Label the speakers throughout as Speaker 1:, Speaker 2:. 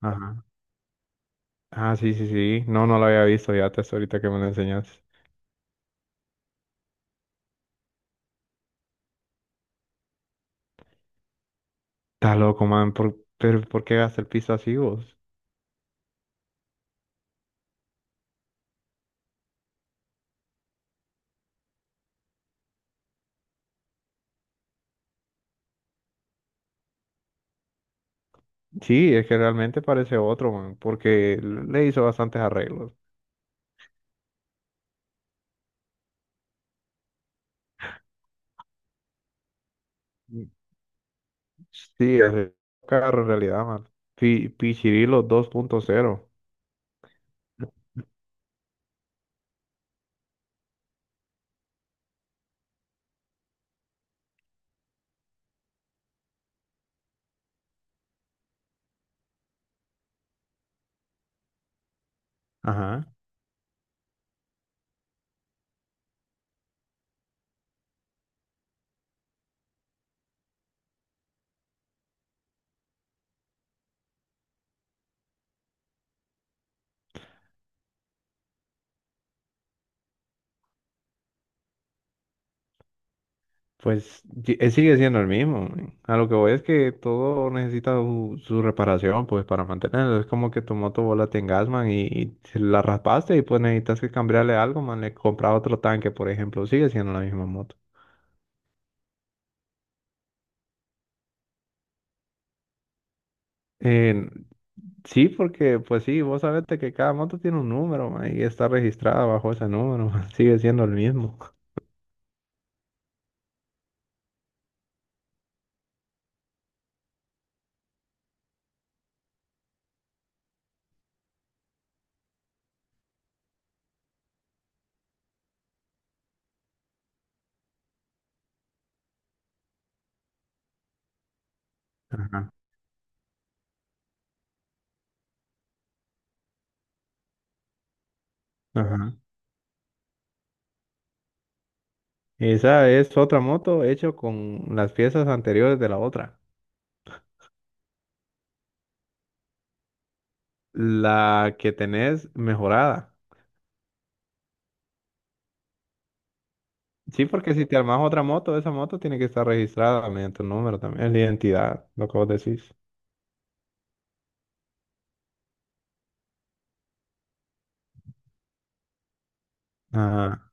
Speaker 1: Ajá. Ah, sí, sí, sí. No, no lo había visto ya hasta ahorita que me lo enseñaste. Está loco, man. Pero ¿por qué gasta el piso así vos? Sí, es que realmente parece otro, man, porque le hizo bastantes arreglos. Mm. Sí, es el carro en realidad, man. Pichirilo dos punto cero. Ajá. Pues sigue siendo el mismo, men. A lo que voy es que todo necesita su reparación, pues para mantenerlo. Es como que tu moto vos la tengas, man, y se la raspaste y pues necesitas que cambiarle algo, man. Le compras otro tanque, por ejemplo. Sigue siendo la misma moto. Eh, sí, porque pues sí, vos sabés de que cada moto tiene un número, man, y está registrada bajo ese número, man. Sigue siendo el mismo. Ajá, ajá. Esa es otra moto hecha con las piezas anteriores de la otra. La que tenés mejorada. Sí, porque si te armas otra moto, esa moto tiene que estar registrada mediante un número también, es la identidad, lo que vos decís. Ajá.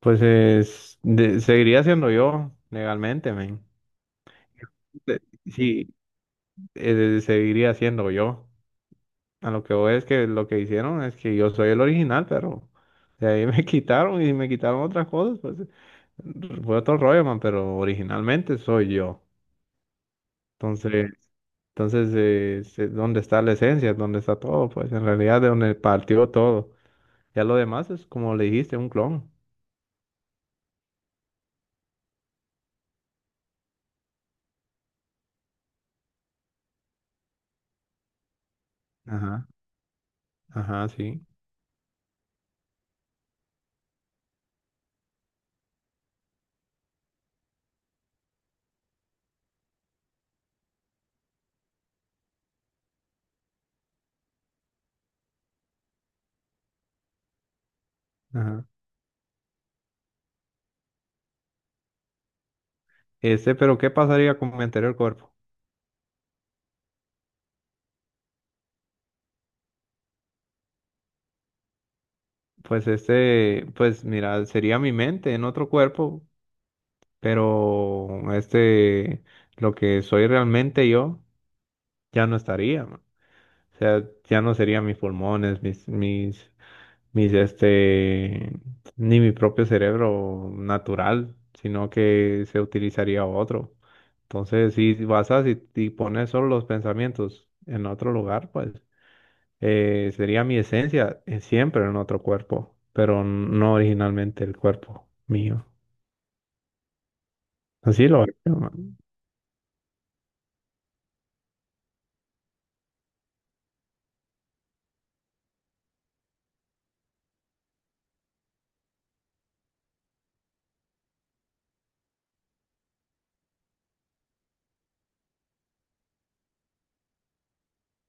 Speaker 1: Pues seguiría siendo yo legalmente, men. De- Sí, seguiría siendo yo. A lo que voy es que lo que hicieron es que yo soy el original, pero de ahí me quitaron y si me quitaron otras cosas, pues fue otro rollo, man, pero originalmente soy yo. Entonces, ¿dónde está la esencia? ¿Dónde está todo? Pues en realidad de donde partió todo. Ya lo demás es como le dijiste, un clon. Ajá, ajá, sí. Ajá. Pero ¿qué pasaría con mi anterior cuerpo? Pues pues mira, sería mi mente en otro cuerpo, pero lo que soy realmente yo, ya no estaría, man. O sea, ya no serían mis pulmones, mis, este, ni mi propio cerebro natural, sino que se utilizaría otro. Entonces, si basas y pones solo los pensamientos en otro lugar, pues sería mi esencia, siempre en otro cuerpo, pero no originalmente el cuerpo mío. Así lo veo.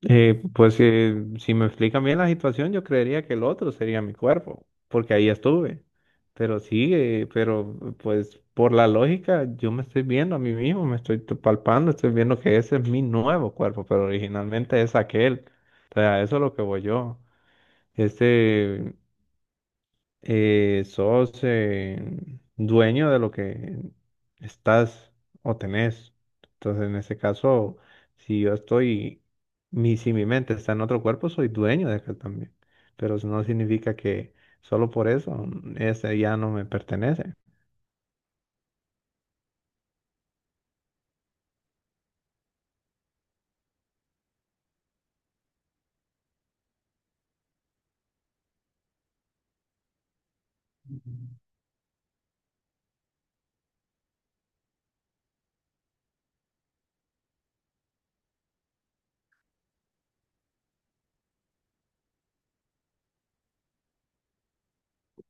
Speaker 1: Pues, si me explican bien la situación, yo creería que el otro sería mi cuerpo, porque ahí estuve. Pero sí, pero pues por la lógica, yo me estoy viendo a mí mismo, me estoy palpando, estoy viendo que ese es mi nuevo cuerpo, pero originalmente es aquel. O sea, a eso es lo que voy yo. Este, Sos, dueño de lo que estás o tenés. Entonces, en ese caso, si yo estoy, si mi mente está en otro cuerpo, soy dueño de aquel también. Pero eso no significa que solo por eso, ese ya no me pertenece.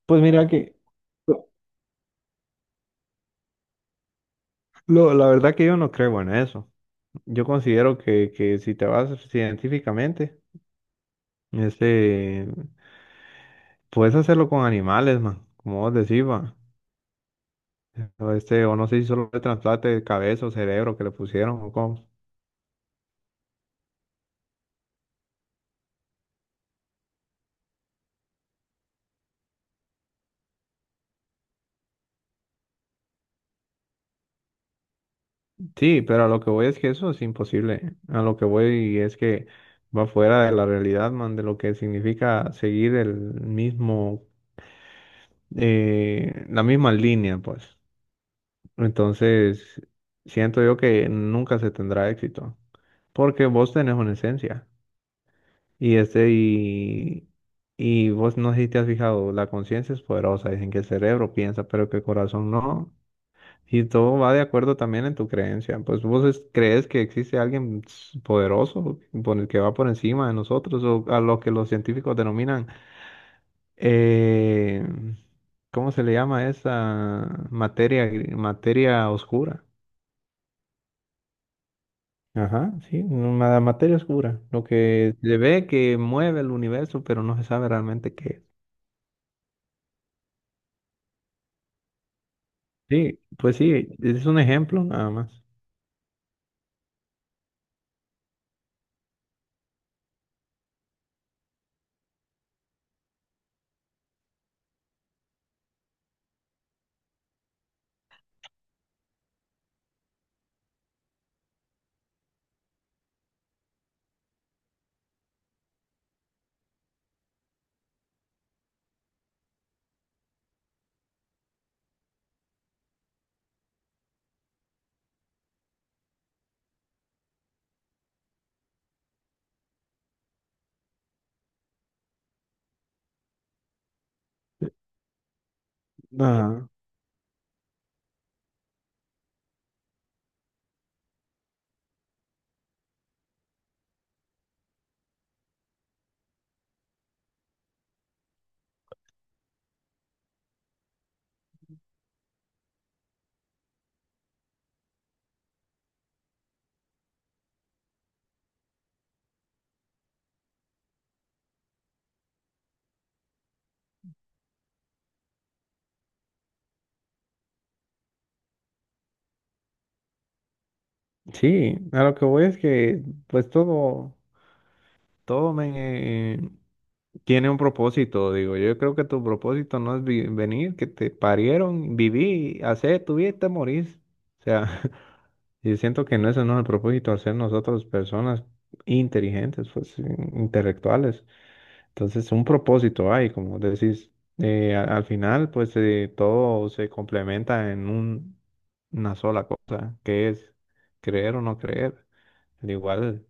Speaker 1: Pues mira Lo, la verdad que yo no creo en eso. Yo considero que si te vas científicamente, Este, puedes hacerlo con animales, man, como vos decís, va. O no sé si solo el trasplante de cabeza o cerebro que le pusieron o cómo. Sí, pero a lo que voy es que eso es imposible. A lo que voy es que va fuera de la realidad, man, de lo que significa seguir mismo, la misma línea, pues. Entonces, siento yo que nunca se tendrá éxito, porque vos tenés una esencia. Y este, y, y vos no sé si te has fijado, la conciencia es poderosa, dicen que el cerebro piensa, pero que el corazón no. Y todo va de acuerdo también en tu creencia. Pues vos crees que existe alguien poderoso por el que va por encima de nosotros, o a lo que los científicos denominan, eh, ¿cómo se le llama esa materia, materia oscura? Ajá, sí, una materia oscura, lo que se ve que mueve el universo, pero no se sabe realmente qué es. Sí, pues sí, es un ejemplo nada más. Ah, sí, a lo que voy es que pues todo, todo me tiene un propósito, digo. Yo creo que tu propósito no es venir, que te parieron, viví, hacer tu vida y te morís. O sea, yo siento que no, ese no es el propósito, hacer nosotros personas inteligentes, pues intelectuales. Entonces, un propósito hay, como decís, al final, pues todo se complementa en una sola cosa, que es creer o no creer. Al igual,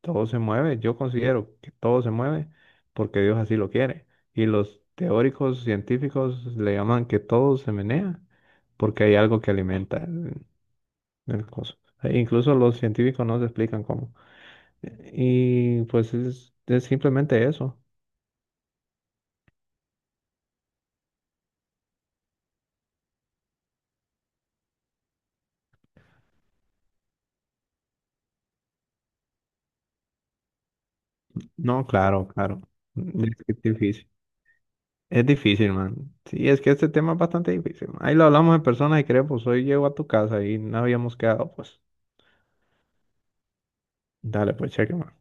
Speaker 1: todo se mueve, yo considero que todo se mueve porque Dios así lo quiere. Y los teóricos científicos le llaman que todo se menea porque hay algo que alimenta el coso. E incluso los científicos no se explican cómo. Y pues es simplemente eso. No, claro, claro. Es que es difícil. Es difícil, man. Sí, es que este tema es bastante difícil, man. Ahí lo hablamos en persona y creo, pues hoy llego a tu casa y no habíamos quedado, pues. Dale, pues cheque, man.